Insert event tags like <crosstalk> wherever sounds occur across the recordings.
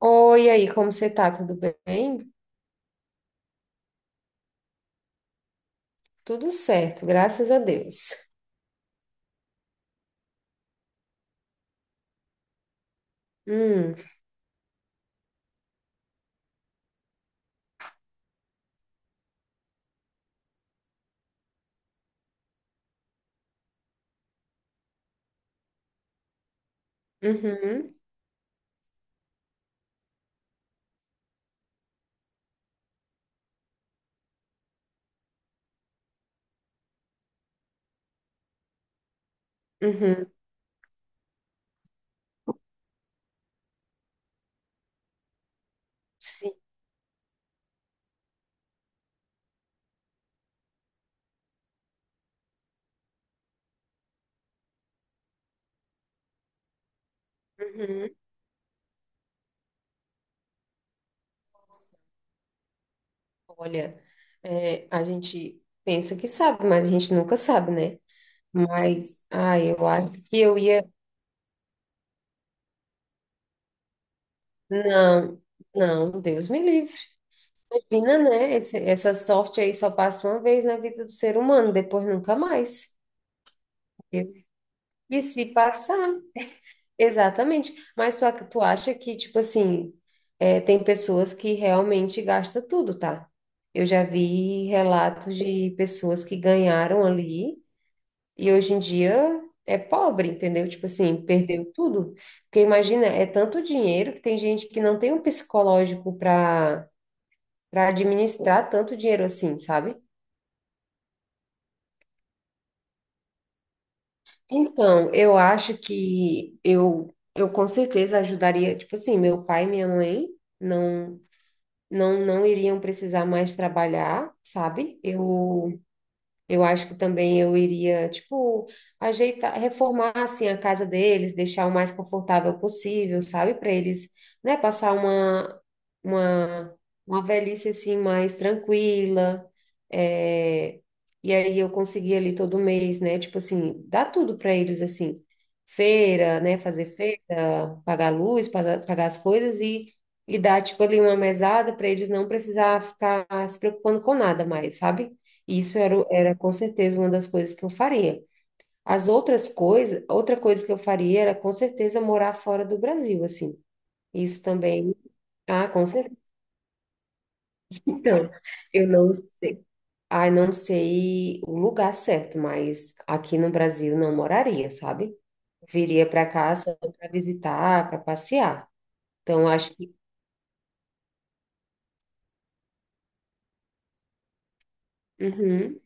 Oi, e aí, como você tá? Tudo bem? Tudo certo, graças a Deus. Hum, uhum, uhum, sim, uhum. Olha, a gente pensa que sabe, mas a gente nunca sabe, né? Mas, eu acho que eu ia. Não, não, Deus me livre. Imagina, né? Essa sorte aí só passa uma vez na vida do ser humano, depois nunca mais. E se passar? Exatamente. Mas tu, tu acha que, tipo assim, tem pessoas que realmente gastam tudo, tá? Eu já vi relatos de pessoas que ganharam ali e hoje em dia é pobre, entendeu? Tipo assim, perdeu tudo. Porque imagina, é tanto dinheiro que tem gente que não tem um psicológico para para administrar tanto dinheiro assim, sabe? Então, eu acho que eu com certeza ajudaria, tipo assim, meu pai e minha mãe. Não, não, não iriam precisar mais trabalhar, sabe? Eu acho que também eu iria, tipo, ajeitar, reformar assim a casa deles, deixar o mais confortável possível, sabe? Para eles, né, passar uma uma velhice assim mais tranquila. é, E aí eu conseguir ali todo mês, né? Tipo assim, dar tudo para eles assim, feira, né, fazer feira, pagar luz, pagar as coisas e dar tipo ali uma mesada para eles não precisar ficar se preocupando com nada mais, sabe? Isso era, era com certeza uma das coisas que eu faria. As outras coisas, outra coisa que eu faria era com certeza morar fora do Brasil, assim. Isso também. Ah, com certeza. Então, eu não sei. Ah, não sei o lugar certo, mas aqui no Brasil não moraria, sabe? Viria para cá só para visitar, para passear. Então, acho que. Uhum,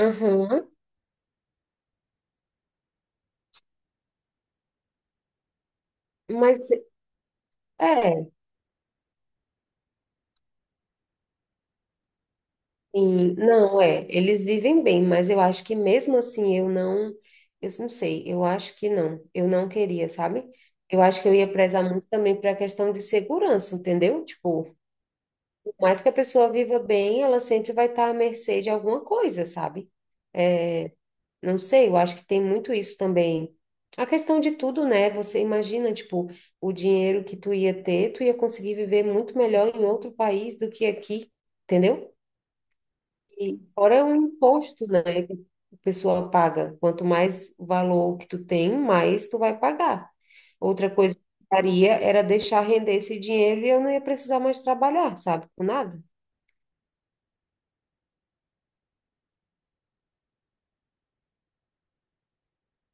uhum. Mas é. Sim, não, é, eles vivem bem, mas eu acho que mesmo assim eu não sei, eu acho que não, eu não queria, sabe? Eu acho que eu ia prezar muito também para a questão de segurança, entendeu? Tipo, por mais que a pessoa viva bem, ela sempre vai estar à mercê de alguma coisa, sabe? Não sei, eu acho que tem muito isso também. A questão de tudo, né? Você imagina, tipo, o dinheiro que tu ia ter, tu ia conseguir viver muito melhor em outro país do que aqui, entendeu? E fora o imposto, né, que o pessoal paga. Quanto mais valor que tu tem, mais tu vai pagar. Outra coisa que eu faria era deixar render esse dinheiro e eu não ia precisar mais trabalhar, sabe? Com nada.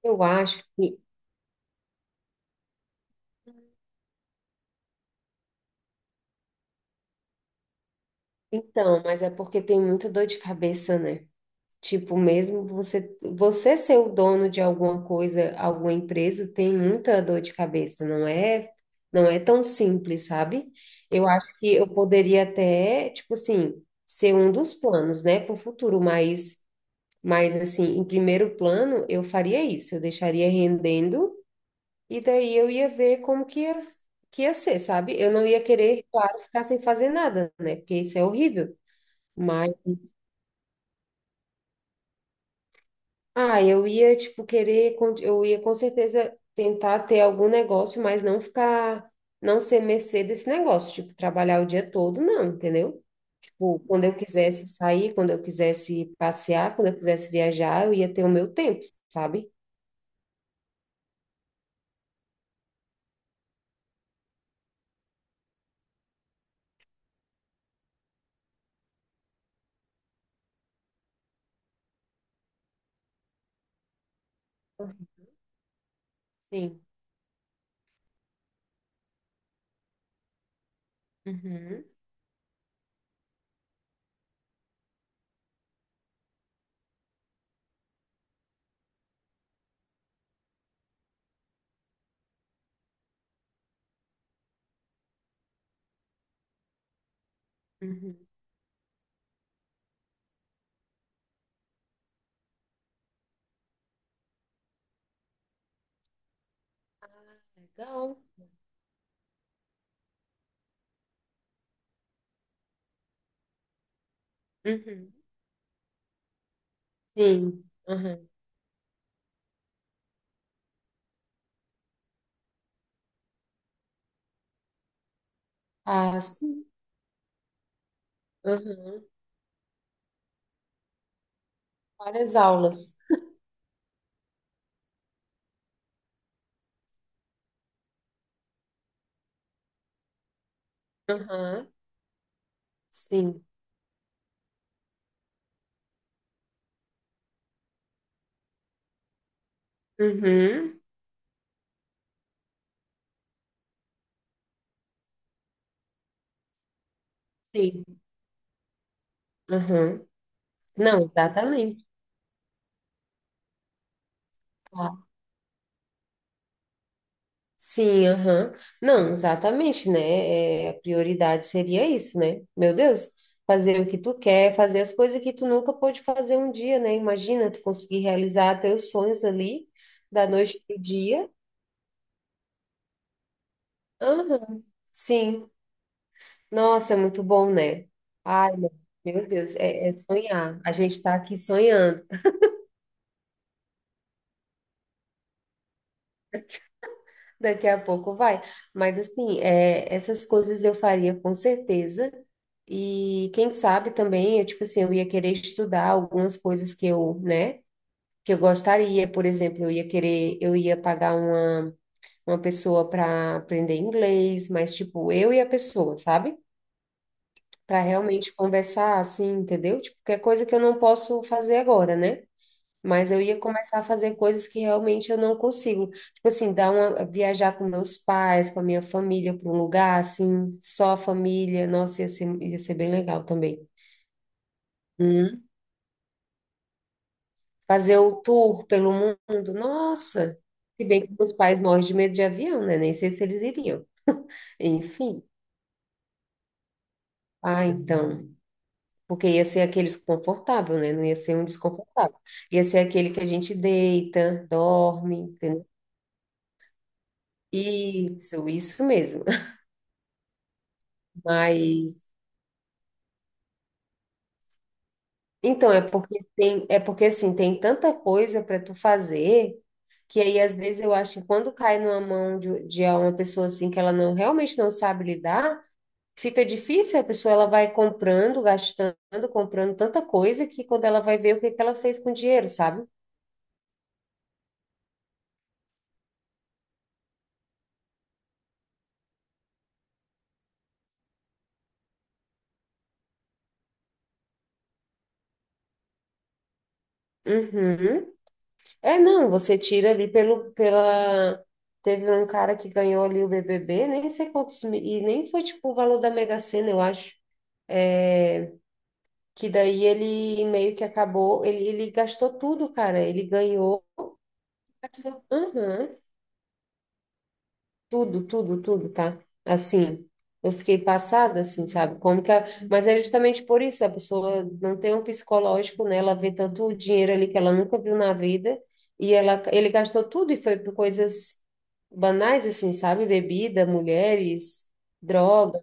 Eu acho que. Então, mas é porque tem muita dor de cabeça, né? Tipo, mesmo você ser o dono de alguma coisa, alguma empresa, tem muita dor de cabeça, não é tão simples, sabe? Eu acho que eu poderia até, tipo assim, ser um dos planos, né, para o futuro, mas assim, em primeiro plano, eu faria isso, eu deixaria rendendo e daí eu ia ver como que ia ser, sabe? Eu não ia querer, claro, ficar sem fazer nada, né? Porque isso é horrível. Ah, eu ia, tipo, eu ia com certeza tentar ter algum negócio, mas não ficar, não ser mercê desse negócio, tipo, trabalhar o dia todo, não, entendeu? Tipo, quando eu quisesse sair, quando eu quisesse passear, quando eu quisesse viajar, eu ia ter o meu tempo, sabe? Sim. Uhum. Uhum. Legal. Uhum. Sim. Uhum. Ah, sim. Uhum. Várias aulas. Uhum. Sim. Uhum. Sim. Uhum. Não, exatamente. Ah, Sim, aham. Não, exatamente, né? É, a prioridade seria isso, né? Meu Deus, fazer o que tu quer, fazer as coisas que tu nunca pôde fazer um dia, né? Imagina tu conseguir realizar teus sonhos ali, da noite pro dia. Aham. Sim. Nossa, é muito bom, né? Ai, meu Deus, é sonhar. A gente tá aqui sonhando. Daqui a pouco vai. Mas assim, é, essas coisas eu faria com certeza. E quem sabe também, eu, tipo assim, eu ia querer estudar algumas coisas que eu, né, que eu gostaria. Por exemplo, eu ia querer, eu ia pagar uma pessoa para aprender inglês, mas tipo, eu e a pessoa, sabe? Para realmente conversar assim, entendeu? Tipo, que é coisa que eu não posso fazer agora, né? Mas eu ia começar a fazer coisas que realmente eu não consigo. Tipo assim, dar uma, viajar com meus pais, com a minha família para um lugar assim, só a família. Nossa, ia ser bem legal também. Uhum. Fazer o tour pelo mundo. Nossa! Se bem que meus pais morrem de medo de avião, né? Nem sei se eles iriam. <laughs> Enfim. Ah, então. Porque ia ser aquele desconfortável, né? Não ia ser um desconfortável. Ia ser aquele que a gente deita, dorme, entendeu? Isso mesmo. Mas então é porque tem, é porque assim, tem tanta coisa para tu fazer que aí às vezes eu acho que quando cai numa mão de uma pessoa assim que ela não realmente não sabe lidar, fica difícil, a pessoa ela vai comprando, gastando, comprando tanta coisa que quando ela vai ver o que que ela fez com o dinheiro, sabe? Uhum. É, não, você tira ali pelo, pela. Teve um cara que ganhou ali o BBB, nem sei quantos, e nem foi tipo o valor da Mega Sena, eu acho. É, Que daí ele meio que acabou, ele gastou tudo, cara. Ele ganhou, gastou, aham, tudo, tudo, tudo, tá? Assim, eu fiquei passada, assim, sabe? Como que mas é justamente por isso, a pessoa não tem um psicológico, né? Ela vê tanto dinheiro ali que ela nunca viu na vida, e ele gastou tudo e foi por coisas banais, assim, sabe? Bebida, mulheres, drogas.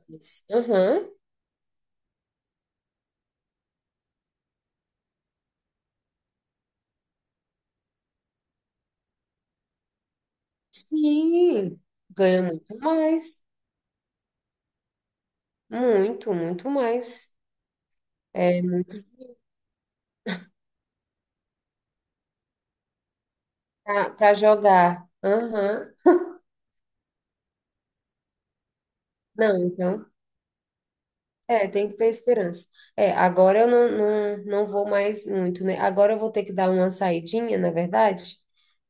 Aham, sim, ganha muito mais. Muito, muito mais. Para jogar. Aham. Não, então, é, tem que ter esperança. É, agora eu não, não, não vou mais muito, né? Agora eu vou ter que dar uma saidinha, na verdade.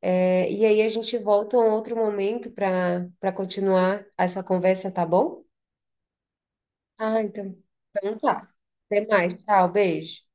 É, e aí a gente volta a um outro momento para para continuar essa conversa, tá bom? Ah, então. Então tá. Até mais. Tchau, beijo.